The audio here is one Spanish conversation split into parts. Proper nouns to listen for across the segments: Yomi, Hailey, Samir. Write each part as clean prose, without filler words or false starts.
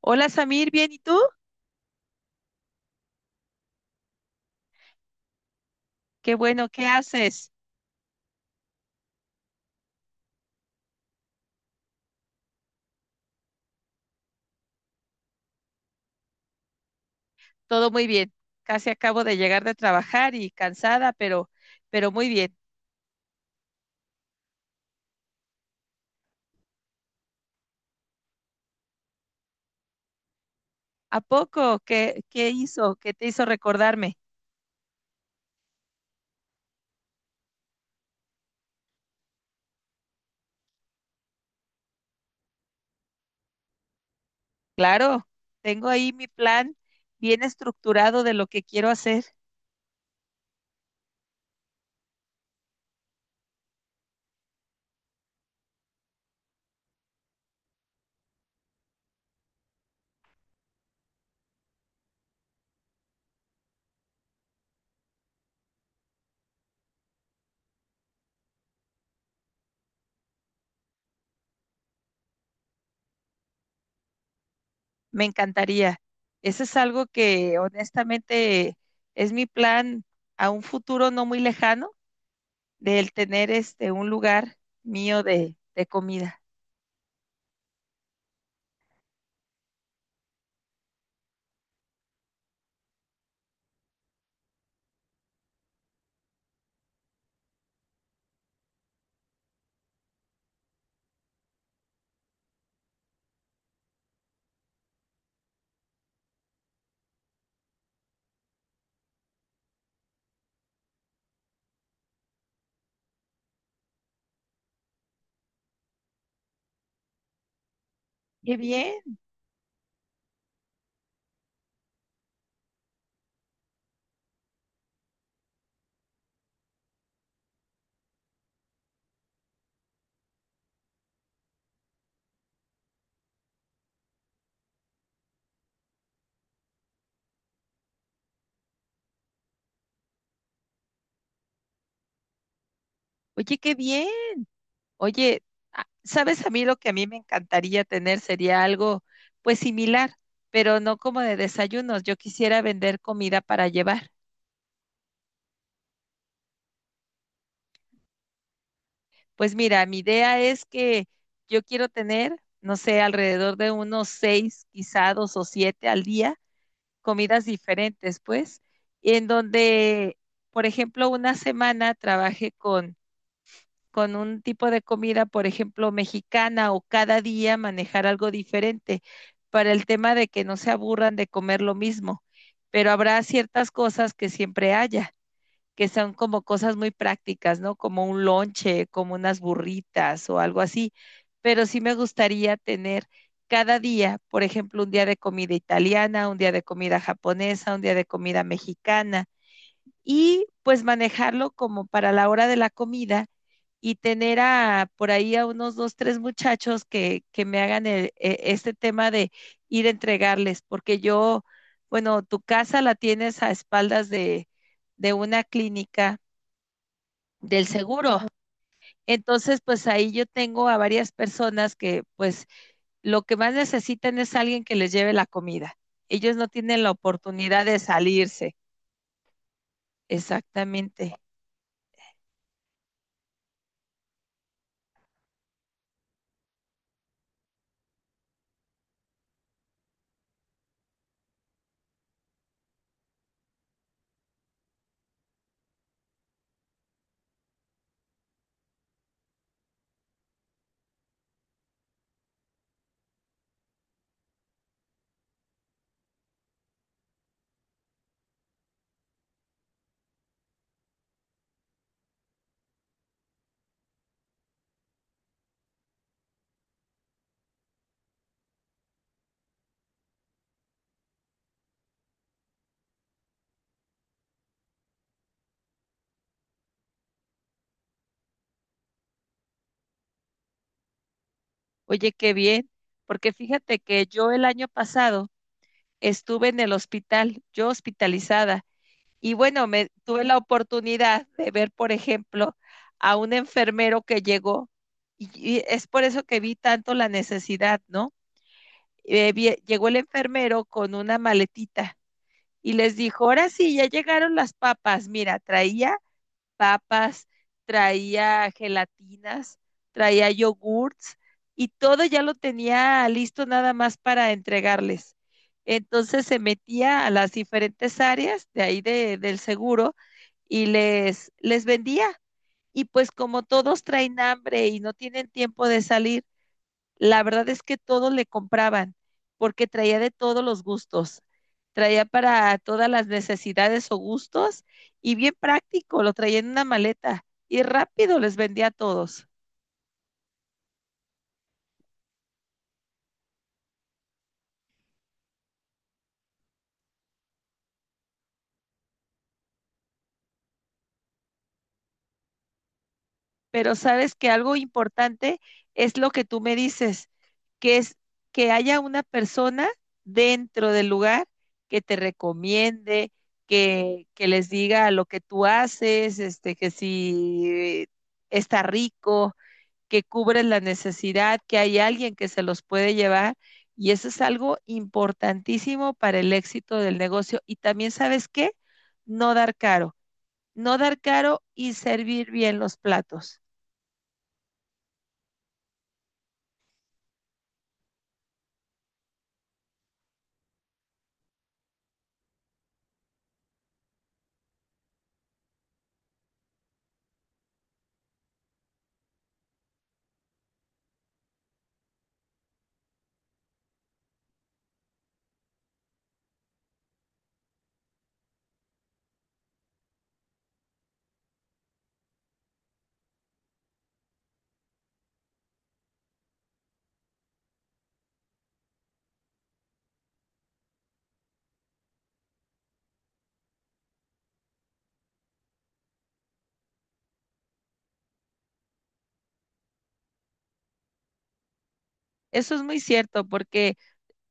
Hola Samir, ¿bien y tú? Qué bueno, ¿qué haces? Todo muy bien. Casi acabo de llegar de trabajar y cansada, pero muy bien. ¿A poco? ¿¿Qué hizo? ¿Qué te hizo recordarme? Claro, tengo ahí mi plan bien estructurado de lo que quiero hacer. Me encantaría. Ese es algo que honestamente es mi plan a un futuro no muy lejano del tener este un lugar mío de comida. Qué bien. Oye, qué bien. Oye, ¿sabes? A mí lo que a mí me encantaría tener sería algo pues similar, pero no como de desayunos. Yo quisiera vender comida para llevar. Pues mira, mi idea es que yo quiero tener, no sé, alrededor de unos seis, quizá dos o siete al día, comidas diferentes, pues, en donde, por ejemplo, una semana trabajé con un tipo de comida, por ejemplo, mexicana, o cada día manejar algo diferente para el tema de que no se aburran de comer lo mismo. Pero habrá ciertas cosas que siempre haya, que son como cosas muy prácticas, ¿no? Como un lonche, como unas burritas o algo así. Pero sí me gustaría tener cada día, por ejemplo, un día de comida italiana, un día de comida japonesa, un día de comida mexicana, y pues manejarlo como para la hora de la comida, y tener a, por ahí a unos dos, tres muchachos que me hagan este tema de ir a entregarles, porque yo, bueno, tu casa la tienes a espaldas de una clínica del seguro. Entonces, pues ahí yo tengo a varias personas que pues lo que más necesitan es alguien que les lleve la comida. Ellos no tienen la oportunidad de salirse. Exactamente. Oye, qué bien, porque fíjate que yo el año pasado estuve en el hospital, yo hospitalizada, y bueno, me tuve la oportunidad de ver, por ejemplo, a un enfermero que llegó, y es por eso que vi tanto la necesidad, ¿no? Llegó el enfermero con una maletita y les dijo, ahora sí, ya llegaron las papas, mira, traía papas, traía gelatinas, traía yogurts, y todo ya lo tenía listo nada más para entregarles. Entonces se metía a las diferentes áreas de ahí de, del seguro y les vendía. Y pues como todos traen hambre y no tienen tiempo de salir, la verdad es que todos le compraban porque traía de todos los gustos, traía para todas las necesidades o gustos, y bien práctico, lo traía en una maleta y rápido les vendía a todos. Pero sabes que algo importante es lo que tú me dices, que es que haya una persona dentro del lugar que te recomiende, que les diga lo que tú haces, este, que si está rico, que cubres la necesidad, que hay alguien que se los puede llevar. Y eso es algo importantísimo para el éxito del negocio. Y también, ¿sabes qué? No dar caro, no dar caro y servir bien los platos. Eso es muy cierto porque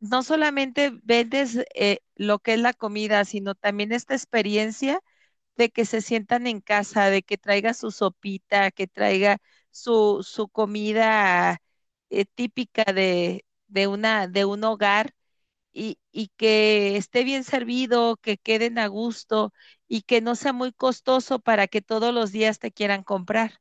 no solamente vendes lo que es la comida, sino también esta experiencia de que se sientan en casa, de que traiga su sopita, que traiga su comida típica de un hogar, y que esté bien servido, que queden a gusto y que no sea muy costoso para que todos los días te quieran comprar.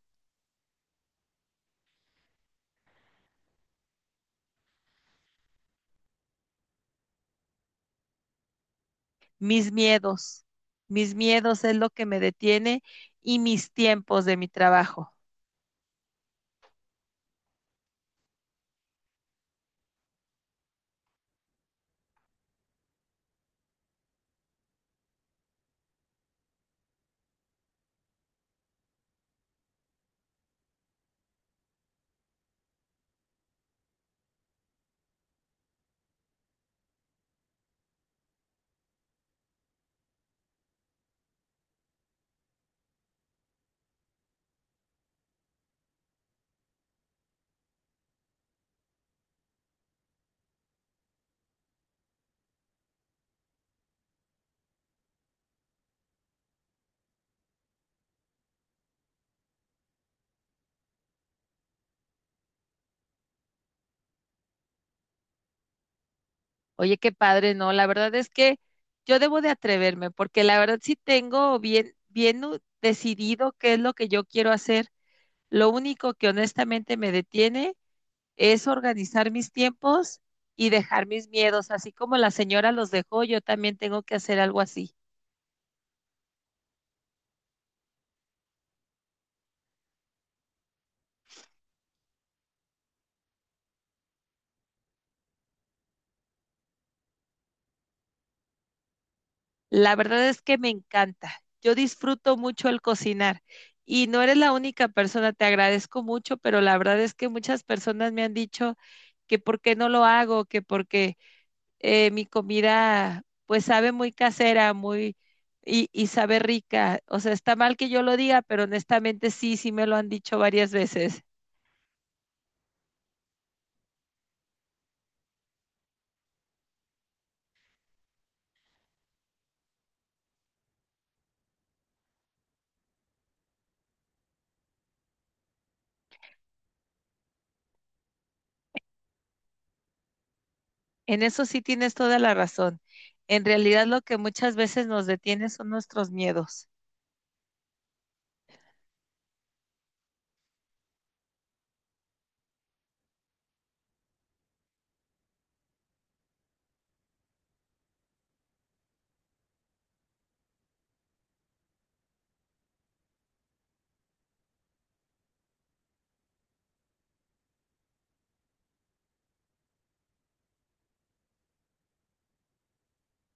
Mis miedos, mis miedos es lo que me detiene y mis tiempos de mi trabajo. Oye, qué padre, no, la verdad es que yo debo de atreverme, porque la verdad sí tengo bien, decidido qué es lo que yo quiero hacer. Lo único que honestamente me detiene es organizar mis tiempos y dejar mis miedos, así como la señora los dejó, yo también tengo que hacer algo así. La verdad es que me encanta, yo disfruto mucho el cocinar, y no eres la única persona, te agradezco mucho, pero la verdad es que muchas personas me han dicho que por qué no lo hago, que porque mi comida pues sabe muy casera, muy y sabe rica. O sea, está mal que yo lo diga, pero honestamente sí, sí me lo han dicho varias veces. En eso sí tienes toda la razón. En realidad lo que muchas veces nos detiene son nuestros miedos.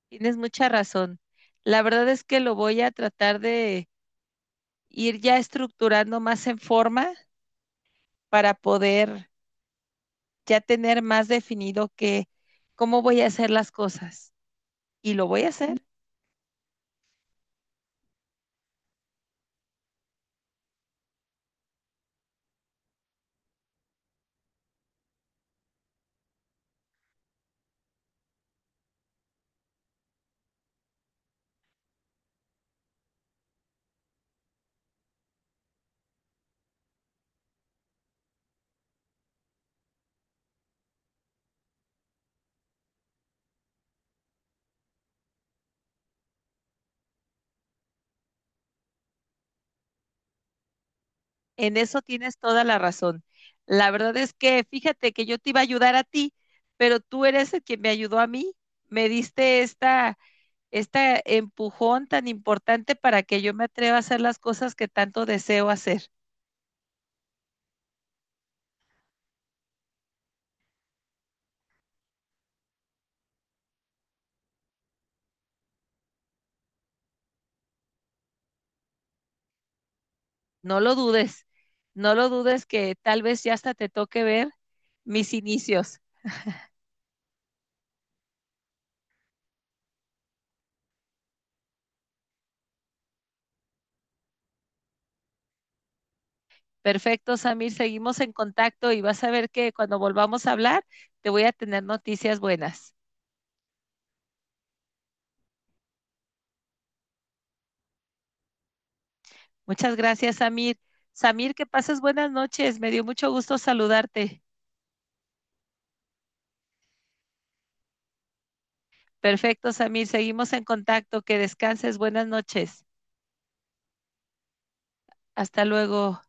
Tienes mucha razón. La verdad es que lo voy a tratar de ir ya estructurando más en forma para poder ya tener más definido que cómo voy a hacer las cosas. Y lo voy a hacer. En eso tienes toda la razón. La verdad es que fíjate que yo te iba a ayudar a ti, pero tú eres el que me ayudó a mí. Me diste esta empujón tan importante para que yo me atreva a hacer las cosas que tanto deseo hacer. No lo dudes, no lo dudes que tal vez ya hasta te toque ver mis inicios. Perfecto, Samir, seguimos en contacto y vas a ver que cuando volvamos a hablar te voy a tener noticias buenas. Muchas gracias, Samir. Samir, que pases buenas noches. Me dio mucho gusto saludarte. Perfecto, Samir. Seguimos en contacto. Que descanses. Buenas noches. Hasta luego.